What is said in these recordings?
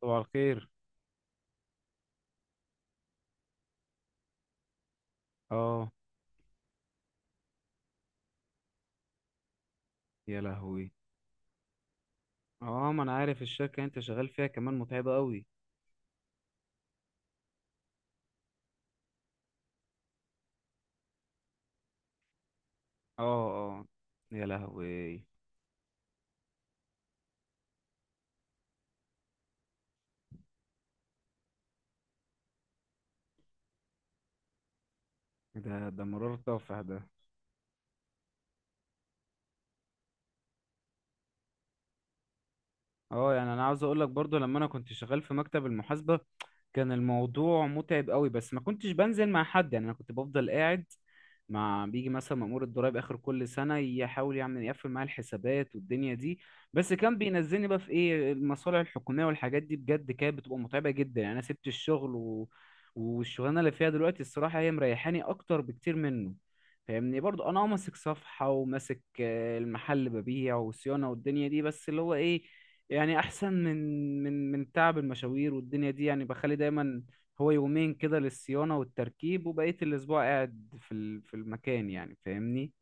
صباح الخير. اه. يا لهوي. اه، ما انا عارف الشركة اللي انت شغال فيها كمان متعبة قوي. اه، اه. يا لهوي. ده مرار طافح ده. اه، يعني انا عاوز اقول لك برضو لما انا كنت شغال في مكتب المحاسبة كان الموضوع متعب قوي، بس ما كنتش بنزل مع حد، يعني انا كنت بفضل قاعد مع بيجي مثلا مأمور الضرايب اخر كل سنة يحاول يعمل يقفل معايا الحسابات والدنيا دي. بس كان بينزلني بقى في ايه المصالح الحكومية والحاجات دي، بجد كانت بتبقى متعبة جدا. يعني انا سبت الشغل والشغلانة اللي فيها دلوقتي الصراحة هي مريحاني اكتر بكتير منه. فاهمني؟ برضو انا اه ماسك صفحة وماسك المحل، ببيع وصيانة والدنيا دي، بس اللي هو ايه، يعني احسن من تعب المشاوير والدنيا دي. يعني بخلي دايما هو يومين كده للصيانة والتركيب، وبقية الاسبوع قاعد في المكان، يعني فاهمني.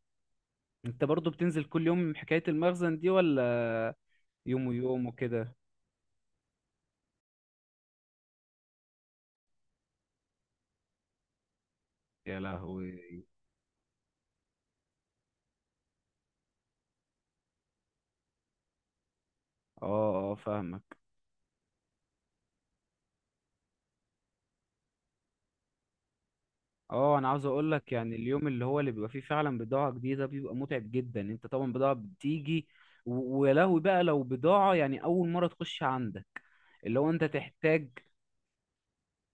انت برضو بتنزل كل يوم حكاية المخزن دي ولا يوم ويوم وكده؟ يا لهوي. اه، اه، فاهمك. اه، انا عاوز اقول لك، يعني اليوم اللي هو اللي بيبقى فيه فعلا بضاعة جديدة بيبقى متعب جدا. انت طبعا بضاعة بتيجي، ويا لهوي بقى لو بضاعة يعني اول مرة تخش عندك، اللي هو انت تحتاج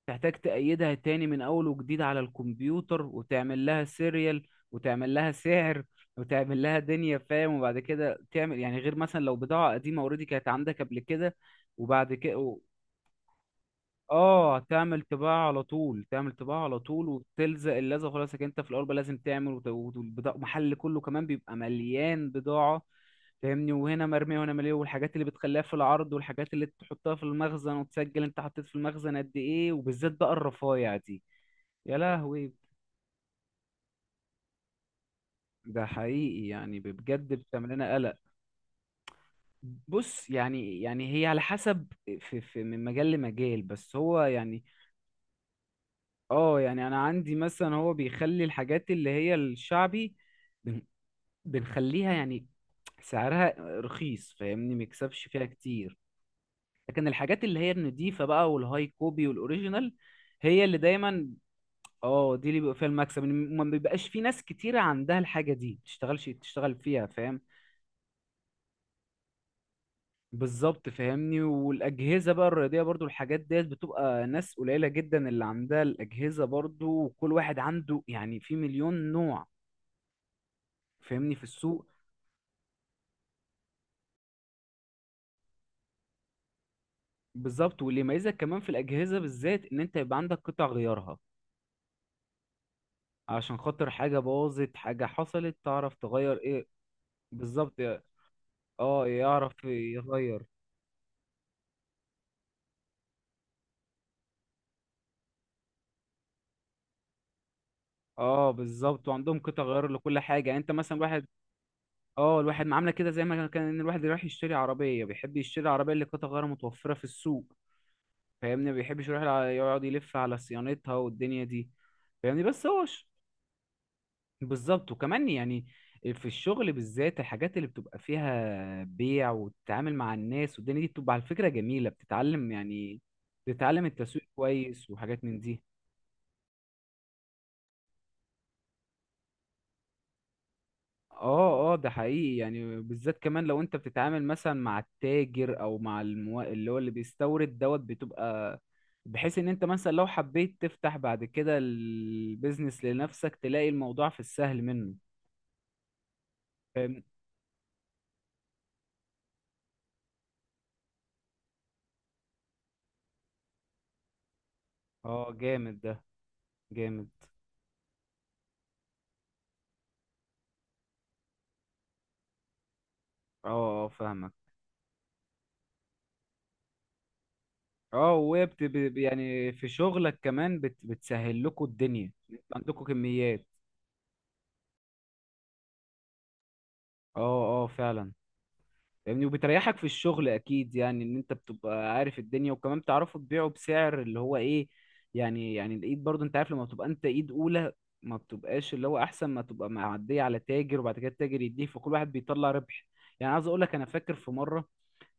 تحتاج تأيدها تاني من اول وجديد على الكمبيوتر، وتعمل لها سيريال، وتعمل لها سعر، وتعمل لها دنيا فاهم. وبعد كده تعمل، يعني غير مثلا لو بضاعة قديمة اوريدي كانت عندك قبل كده، وبعد كده اه تعمل طباعة على طول، تعمل طباعة على طول، وبتلزق اللزقة خلاص. انت في الأول بقى لازم تعمل والبضاعة. المحل كله كمان بيبقى مليان بضاعة، فاهمني؟ وهنا مرمية وهنا مليان، والحاجات اللي بتخليها في العرض، والحاجات اللي تحطها في المخزن، وتسجل انت حطيت في المخزن قد ايه، وبالذات بقى الرفايع دي. يا لهوي. ده حقيقي، يعني بجد بتعمل لنا قلق. بص، يعني يعني هي على حسب، في من مجال لمجال، بس هو يعني اه. يعني انا عندي مثلا هو بيخلي الحاجات اللي هي الشعبي، بن- بنخليها يعني سعرها رخيص، فاهمني، ميكسبش فيها كتير. لكن الحاجات اللي هي النضيفة بقى، والهاي كوبي والاوريجينال، هي اللي دايما اه، دي اللي بيبقى فيها المكسب. إن ما بيبقاش في ناس كتيرة عندها الحاجة دي تشتغلش تشتغل فيها، فاهم؟ بالظبط فاهمني. والاجهزه بقى الرياضيه برضو، الحاجات ديت بتبقى ناس قليله جدا اللي عندها الاجهزه برضو، وكل واحد عنده يعني في مليون نوع، فاهمني، في السوق. بالظبط، واللي يميزك كمان في الاجهزه بالذات ان انت يبقى عندك قطع غيارها، عشان خاطر حاجه باظت، حاجه حصلت، تعرف تغير ايه. بالظبط، اه يعرف يغير. اه بالظبط، وعندهم قطع غيار لكل حاجه. يعني انت مثلا واحد اه، الواحد معامله كده زي ما كان، ان الواحد رايح يشتري عربيه بيحب يشتري عربيه اللي قطع غيارها متوفره في السوق، فاهمني، ما بيحبش يروح يقعد يلف على صيانتها والدنيا دي، فاهمني. بس هو بالظبط. وكمان يعني في الشغل بالذات الحاجات اللي بتبقى فيها بيع، وتتعامل مع الناس والدنيا دي، بتبقى على فكرة جميلة، بتتعلم يعني، بتتعلم التسويق كويس وحاجات من دي. اه، اه، ده حقيقي، يعني بالذات كمان لو انت بتتعامل مثلا مع التاجر، او مع اللي هو اللي بيستورد دوت، بتبقى بحيث ان انت مثلا لو حبيت تفتح بعد كده البيزنس لنفسك، تلاقي الموضوع في السهل منه فاهم. اه جامد ده، جامد. اه، اه فاهمك. اه، وهي يعني في شغلك كمان بتسهل لكم الدنيا. انتوا عندكم كميات. اه، اه فعلا. يعني وبتريحك في الشغل اكيد، يعني ان انت بتبقى عارف الدنيا، وكمان بتعرفوا تبيعوا بسعر اللي هو ايه، يعني يعني الايد، برضو انت عارف لما بتبقى انت ايد اولى، ما بتبقاش اللي هو، احسن ما تبقى معدية على تاجر وبعد كده التاجر يديه، فكل واحد بيطلع ربح. يعني عايز اقول لك انا فاكر في مرة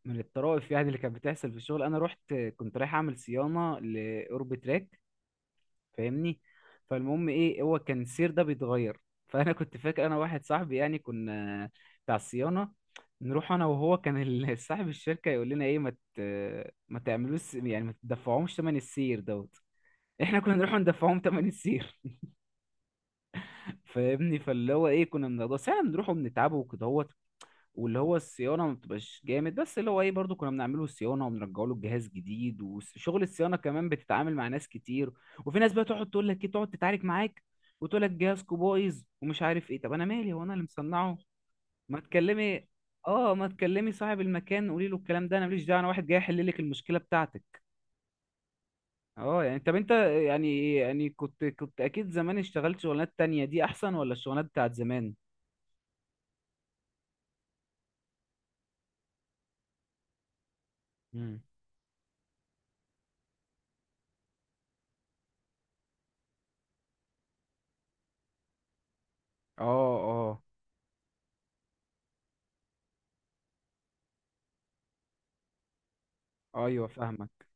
من الطرائف يعني اللي كانت بتحصل في الشغل، انا رحت، كنت رايح اعمل صيانة لأوربتراك، فاهمني. فالمهم ايه، هو كان السير ده بيتغير فانا كنت فاكر، انا واحد صاحبي يعني كنا بتاع الصيانه، نروح انا وهو، كان صاحب الشركه يقول لنا ايه، ت... ما تعملوش يعني، ما تدفعهمش ثمن السير دوت. احنا كنا نروح ندفعهم ثمن السير. فاهمني. فاللي هو ايه، كنا بنقضي بس احنا، بنروح وبنتعبه وكده، واللي هو الصيانه ما بتبقاش جامد، بس اللي هو ايه، برضو كنا بنعمله الصيانه وبنرجعه له الجهاز جديد. وشغل الصيانه كمان بتتعامل مع ناس كتير، وفي ناس بقى تقعد تقول لك ايه، تقعد تتعارك معاك وتقول لك جهازكو بايظ ومش عارف ايه. طب انا مالي، هو انا اللي مصنعه؟ ما تكلمي، اه ما تكلمي صاحب المكان، قولي له الكلام ده، انا ماليش دعوه، انا واحد جاي يحل لك المشكله بتاعتك. اه يعني، طب انت، يعني يعني كنت اكيد زمان اشتغلت شغلانات تانية، دي احسن ولا الشغلانات بتاعت زمان؟ امم. اه، اه ايوه فاهمك.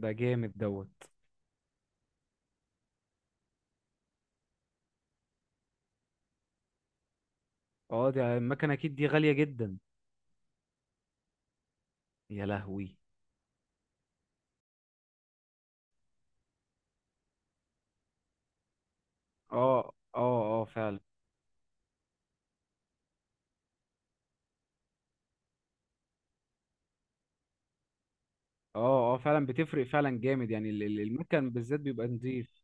ده جامد دوت. اه دي المكنة اكيد دي غالية جدا. يا لهوي. اه، اه، اه فعلا. اه، اه فعلا، بتفرق فعلا جامد. يعني المكن بالذات بيبقى نضيف.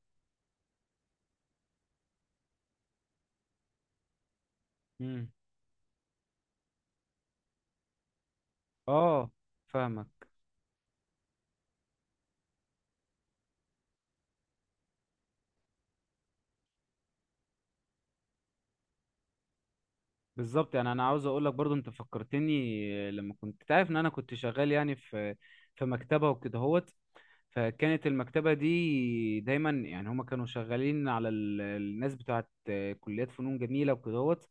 مم. اه فاهمك. بالظبط. يعني انا عاوز اقول لك برضو، انت فكرتني لما كنت تعرف ان انا كنت شغال يعني في في مكتبة وكده. فكانت المكتبة دي دايما يعني هما كانوا شغالين على الناس بتاعت كليات فنون جميلة وكدهوت.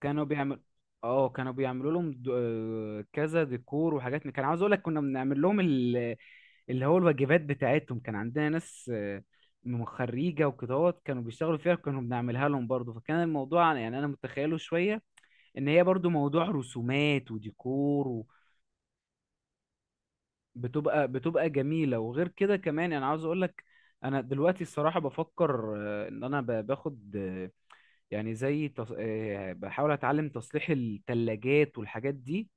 كانوا بيعمل اه، كانوا بيعملوا لهم كذا ديكور وحاجات كان عاوز اقول لك كنا بنعمل لهم اللي هو الواجبات بتاعتهم. كان عندنا ناس من خريجة وكدهوت كانوا بيشتغلوا فيها، كانوا بنعملها لهم برضه. فكان الموضوع يعني انا متخيله شوية ان هي برضه موضوع رسومات وديكور، بتبقى بتبقى جميلة. وغير كده كمان انا عاوز اقول لك، انا دلوقتي الصراحة بفكر ان انا باخد يعني زي تص... آه، بحاول اتعلم تصليح الثلاجات والحاجات دي.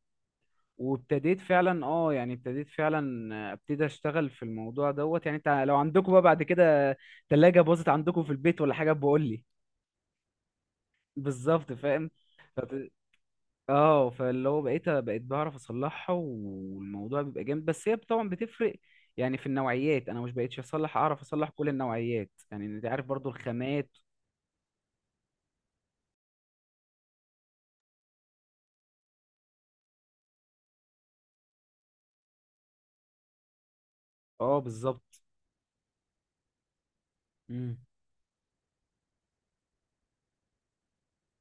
وابتديت فعلا اه، يعني ابتديت فعلا ابتدي اشتغل في الموضوع دوت. يعني انت لو عندكم بقى بعد كده ثلاجة باظت عندكم في البيت ولا حاجة بقول لي. بالظبط فاهم. اه، فاللي هو بقيت بعرف اصلحها، والموضوع بيبقى جامد. بس هي طبعا بتفرق يعني في النوعيات، انا مش بقيتش اصلح، اعرف اصلح كل النوعيات يعني، انت عارف برضو الخامات. اه بالظبط. مم.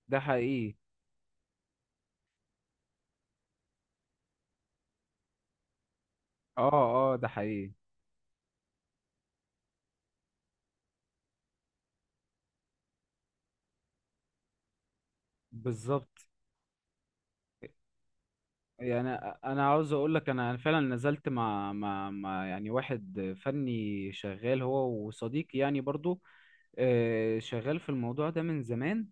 ده حقيقي. اه، اه ده حقيقي. بالظبط. يعني انا عاوز اقول لك، انا فعلا نزلت مع يعني واحد فني شغال، هو وصديقي يعني برضو شغال في الموضوع ده من زمان،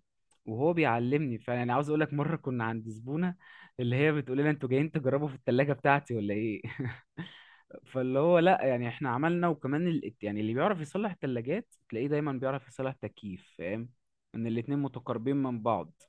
وهو بيعلمني فعلا. يعني عاوز اقول لك مره كنا عند زبونه، اللي هي بتقول لنا انتوا جايين تجربوا في الثلاجه بتاعتي ولا ايه؟ فاللي هو لا، يعني احنا عملنا. وكمان يعني اللي بيعرف يصلح ثلاجات تلاقيه دايما بيعرف يصلح تكييف، فاهم، ان الاتنين متقاربين من بعض.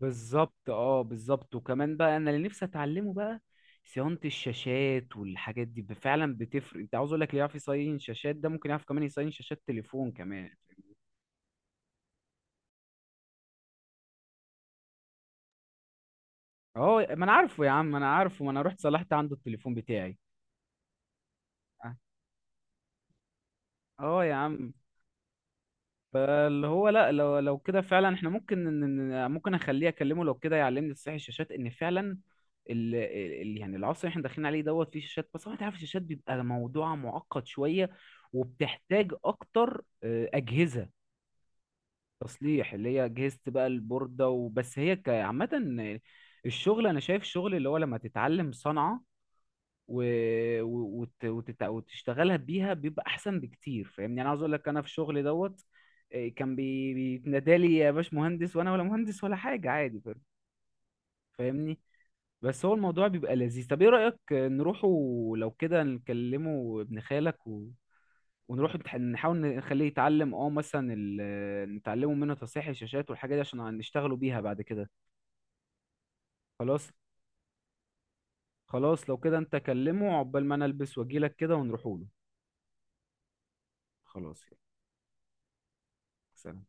بالظبط، اه بالظبط. وكمان بقى انا اللي نفسي اتعلمه بقى صيانة الشاشات والحاجات دي فعلا بتفرق. انت عاوز اقول لك، اللي يعرف يصين شاشات ده ممكن يعرف كمان يصين شاشات تليفون كمان. اه ما انا عارفه يا عم، ما انا عارفه، ما انا رحت صلحت عنده التليفون بتاعي. اه، آه يا عم. فاللي هو لا، لو كده فعلا احنا ممكن ممكن اخليه اكلمه لو كده يعلمني تصحيح الشاشات، ان فعلا ال ال يعني العصر اللي احنا داخلين عليه دوت فيه شاشات. بس هو انت عارف الشاشات بيبقى موضوع معقد شويه، وبتحتاج اكتر اجهزه تصليح، اللي هي اجهزه بقى البورده. وبس هي عامه الشغل، انا شايف شغل اللي هو لما تتعلم صنعه و... وتشتغلها بيها بيبقى احسن بكتير، فاهمني. يعني انا عاوز اقول لك انا في الشغل دوت كان بيتنادى لي يا باش مهندس، وانا ولا مهندس ولا حاجه عادي، فاهمني. بس هو الموضوع بيبقى لذيذ. طب ايه رايك نروحوا لو كده نكلمه ابن خالك، ونروح نحاول نخليه يتعلم اه مثلا نتعلمه منه تصحيح الشاشات والحاجات دي، عشان نشتغلوا بيها بعد كده. خلاص. خلاص لو كده انت كلمه، عقبال ما انا البس واجيلك كده ونروحوله. خلاص يلا. سلام.